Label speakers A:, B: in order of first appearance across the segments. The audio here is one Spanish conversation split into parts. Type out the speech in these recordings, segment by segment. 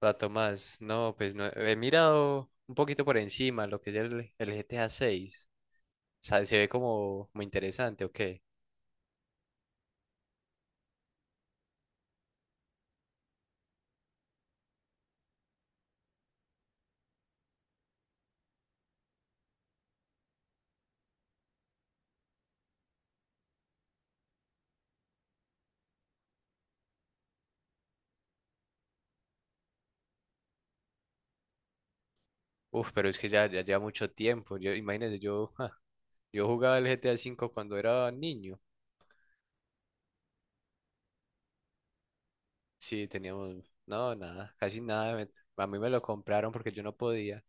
A: Hola, más, no, pues no, he mirado un poquito por encima lo que es el GTA 6. Se ve como muy interesante, ok. Uf, pero es que ya lleva mucho tiempo. Yo, imagínate, yo jugaba el GTA 5 cuando era niño. Sí, teníamos, no, nada, casi nada. A mí me lo compraron porque yo no podía.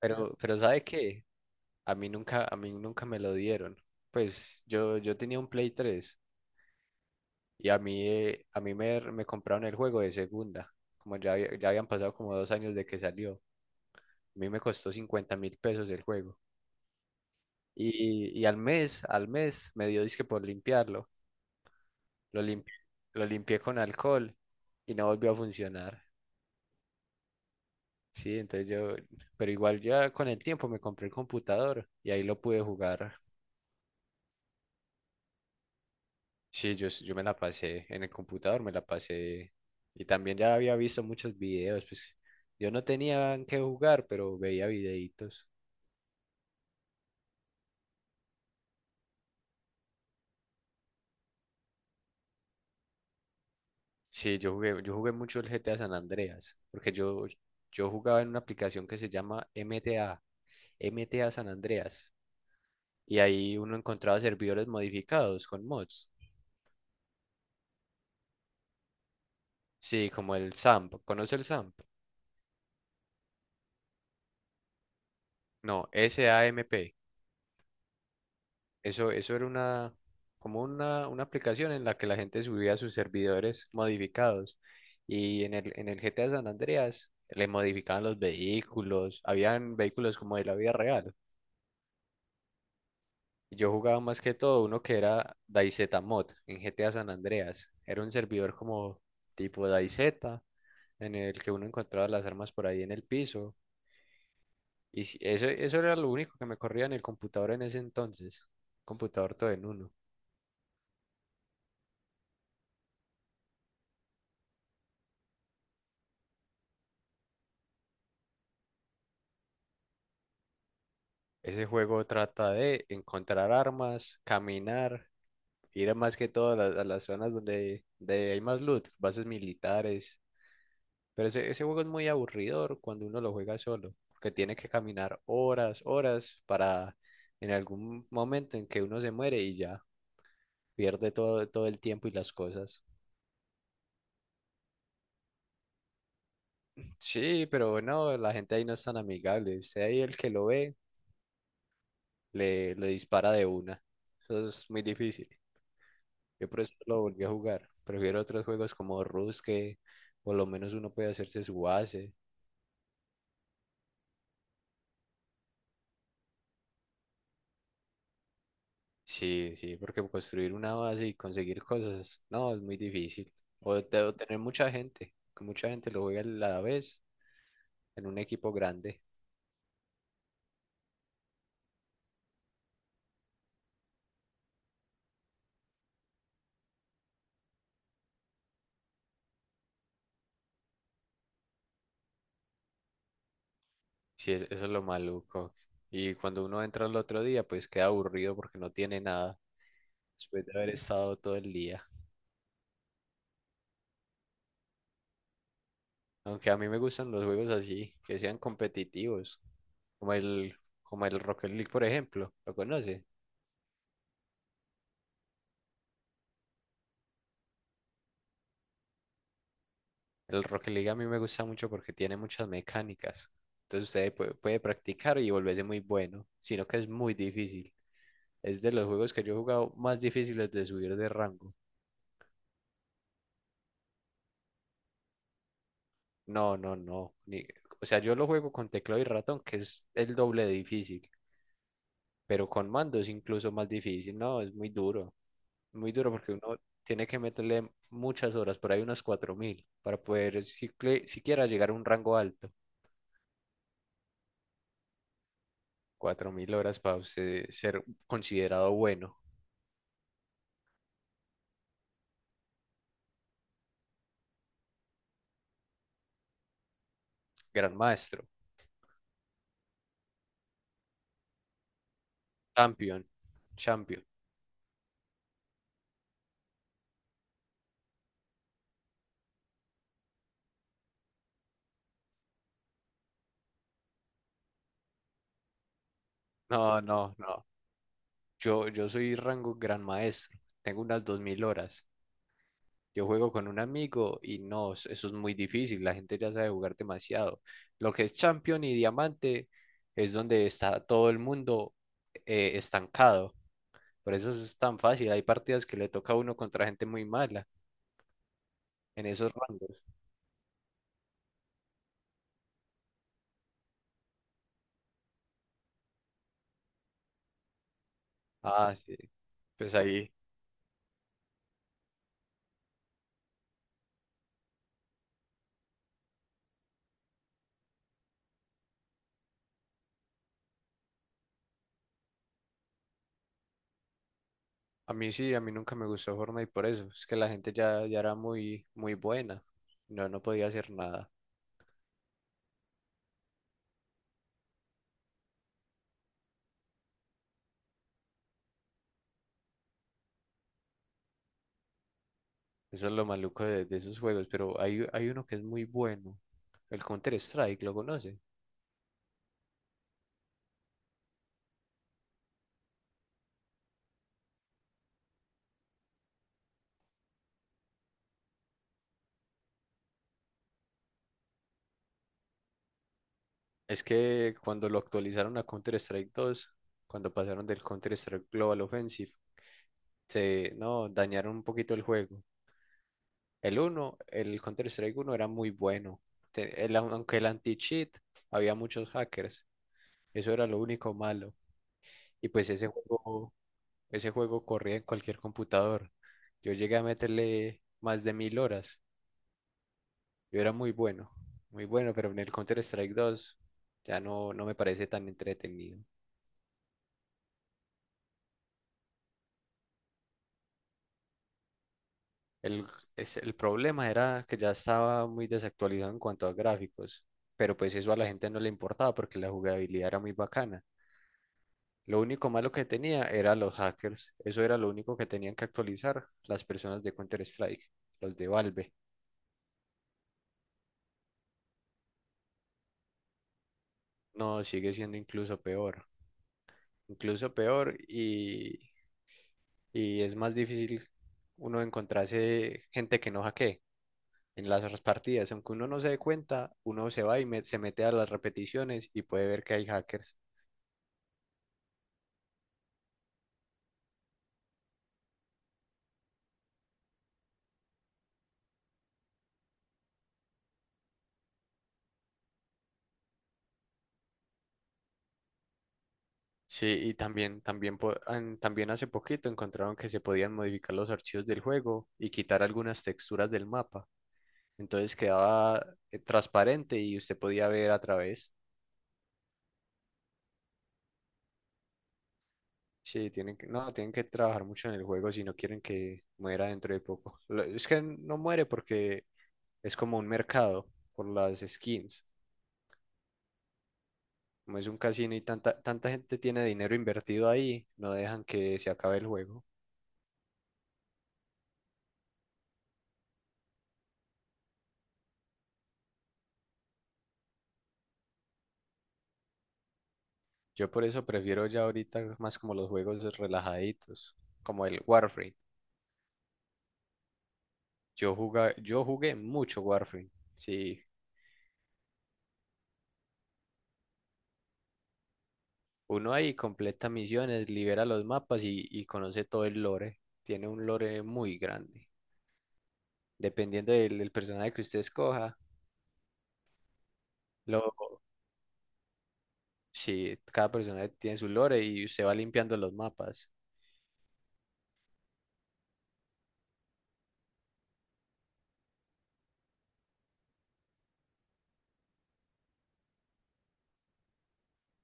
A: Pero ¿sabe qué? A mí nunca, me lo dieron. Pues yo tenía un Play 3. Y a mí me compraron el juego de segunda, como ya, ya habían pasado como dos años de que salió. A mí me costó 50.000 pesos el juego. Y al mes, me dio disque por limpiarlo. Lo limpié, lo limpié con alcohol y no volvió a funcionar. Sí, entonces pero igual ya con el tiempo me compré el computador y ahí lo pude jugar. Sí, yo me la pasé en el computador, me la pasé. Y también ya había visto muchos videos, pues yo no tenía en qué jugar, pero veía videitos. Sí, yo jugué mucho el GTA San Andreas, porque yo jugaba en una aplicación que se llama MTA, MTA San Andreas, y ahí uno encontraba servidores modificados con mods. Sí, como el SAMP, ¿conoce el SAMP? No, SAMP. Eso, eso era una aplicación en la que la gente subía sus servidores modificados. Y en el GTA San Andreas le modificaban los vehículos. Habían vehículos como de la vida real. Y yo jugaba más que todo uno que era DayZ Mod en GTA San Andreas. Era un servidor como tipo DayZ en el que uno encontraba las armas por ahí en el piso. Y eso, eso era lo único que me corría en el computador en ese entonces. Computador todo en uno. Ese juego trata de encontrar armas, caminar, ir a más que todo a las zonas donde hay más loot, bases militares. Pero ese juego es muy aburridor cuando uno lo juega solo, porque tiene que caminar horas, horas para en algún momento en que uno se muere y ya pierde todo, todo el tiempo y las cosas. Sí, pero no, la gente ahí no es tan amigable. Sea ahí el que lo ve, le dispara de una. Eso es muy difícil. Yo por eso no lo volví a jugar. Prefiero otros juegos como Rust que por lo menos uno puede hacerse su base. Sí, sí, porque construir una base y conseguir cosas, no, es muy difícil. O tener mucha gente, que mucha gente lo juega a la vez en un equipo grande. Sí, eso es lo maluco. Y cuando uno entra al otro día, pues queda aburrido porque no tiene nada después de haber estado todo el día. Aunque a mí me gustan los juegos así, que sean competitivos, como el, como el Rocket League, por ejemplo. ¿Lo conoce? El Rocket League a mí me gusta mucho porque tiene muchas mecánicas. Entonces usted puede practicar y volverse muy bueno, sino que es muy difícil. Es de los juegos que yo he jugado más difíciles de subir de rango. No, no, no. O sea, yo lo juego con teclado y ratón, que es el doble de difícil, pero con mando es incluso más difícil. No, es muy duro. Muy duro porque uno tiene que meterle muchas horas, por ahí unas 4.000, para poder siquiera llegar a un rango alto. 4.000 horas para usted ser considerado bueno, gran maestro, champion, champion. No, no, no. Yo soy rango gran maestro. Tengo unas 2.000 horas. Yo juego con un amigo y no, eso es muy difícil. La gente ya sabe jugar demasiado. Lo que es champion y diamante es donde está todo el mundo estancado. Por eso es tan fácil. Hay partidas que le toca a uno contra gente muy mala en esos rangos. Ah, sí. Pues ahí. A mí sí, a mí nunca me gustó Fortnite por eso. Es que la gente ya era muy, muy buena. No, no podía hacer nada. Eso es lo maluco de esos juegos. Pero hay uno que es muy bueno. El Counter-Strike, ¿lo conoce? Es que cuando lo actualizaron a Counter-Strike 2, cuando pasaron del Counter-Strike Global Offensive, se, no, dañaron un poquito el juego. El Counter-Strike uno era muy bueno. Aunque el anti-cheat, había muchos hackers. Eso era lo único malo. Y pues ese juego corría en cualquier computador. Yo llegué a meterle más de 1.000 horas. Yo era muy bueno, muy bueno, pero en el Counter-Strike 2 ya no, no me parece tan entretenido. El, el problema era que ya estaba muy desactualizado en cuanto a gráficos, pero pues eso a la gente no le importaba porque la jugabilidad era muy bacana. Lo único malo que tenía era los hackers. Eso era lo único que tenían que actualizar las personas de Counter-Strike, los de Valve. No, sigue siendo incluso peor, incluso peor, y es más difícil uno encontrarse gente que no hackee en las otras partidas. Aunque uno no se dé cuenta, uno se va y se mete a las repeticiones y puede ver que hay hackers. Sí, y también hace poquito encontraron que se podían modificar los archivos del juego y quitar algunas texturas del mapa. Entonces quedaba transparente y usted podía ver a través. Sí, tienen que, no, tienen que trabajar mucho en el juego si no quieren que muera dentro de poco. Es que no muere porque es como un mercado por las skins. Como es un casino y tanta, tanta gente tiene dinero invertido ahí, no dejan que se acabe el juego. Yo por eso prefiero ya ahorita más como los juegos relajaditos, como el Warframe. Yo jugué mucho Warframe. Sí, uno ahí completa misiones, libera los mapas y conoce todo el lore. Tiene un lore muy grande, dependiendo del personaje que usted escoja. Lo, sí, cada personaje tiene su lore y usted va limpiando los mapas.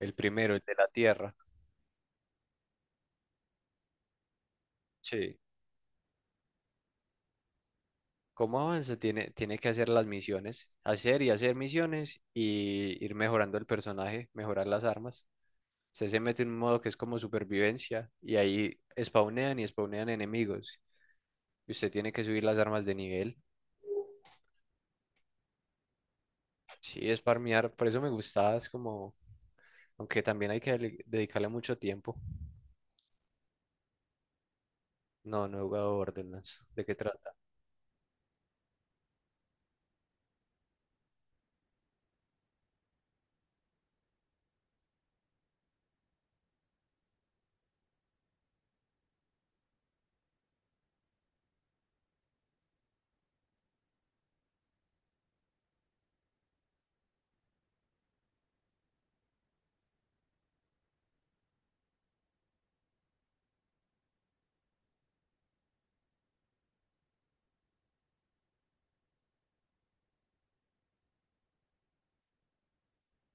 A: El primero, el de la Tierra. Sí. ¿Cómo avanza? Tiene que hacer las misiones, hacer y hacer misiones y ir mejorando el personaje, mejorar las armas. Usted se mete en un modo que es como supervivencia y ahí spawnean y spawnean enemigos. Y usted tiene que subir las armas de nivel. Sí, es farmear, por eso me gustaba, es como, aunque también hay que dedicarle mucho tiempo. No, no he jugado Borderlands. ¿De qué trata?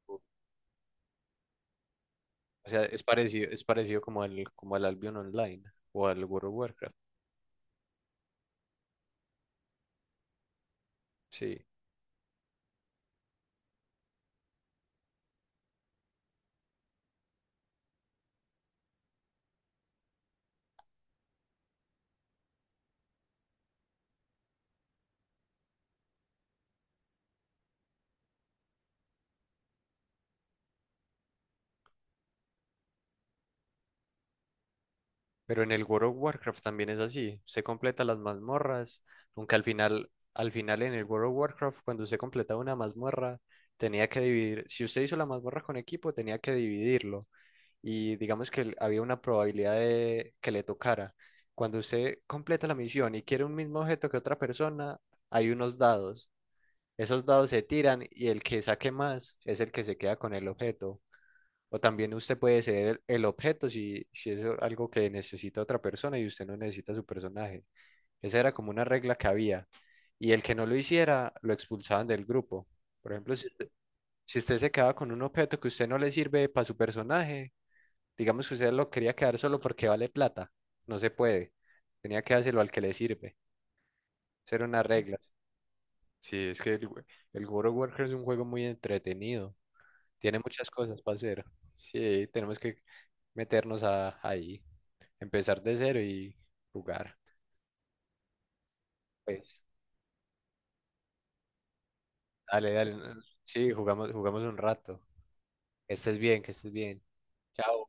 A: O sea, es parecido como al, Albion Online o al World of Warcraft. Sí. Pero en el World of Warcraft también es así. Se completa las mazmorras, aunque al final en el World of Warcraft, cuando usted completaba una mazmorra, tenía que dividir. Si usted hizo la mazmorra con equipo, tenía que dividirlo. Y digamos que había una probabilidad de que le tocara. Cuando usted completa la misión y quiere un mismo objeto que otra persona, hay unos dados. Esos dados se tiran y el que saque más es el que se queda con el objeto. O también usted puede ser el objeto si es algo que necesita otra persona y usted no necesita su personaje. Esa era como una regla que había. Y el que no lo hiciera, lo expulsaban del grupo. Por ejemplo, si usted se quedaba con un objeto que usted no le sirve para su personaje, digamos que usted lo quería quedar solo porque vale plata, no se puede. Tenía que dárselo al que le sirve. Esas eran unas reglas. Sí, es que el World of Warcraft es un juego muy entretenido. Tiene muchas cosas para hacer. Sí, tenemos que meternos a, ahí, empezar de cero y jugar. Pues, dale, dale. Sí, jugamos un rato. Que estés bien, que estés bien. Chao.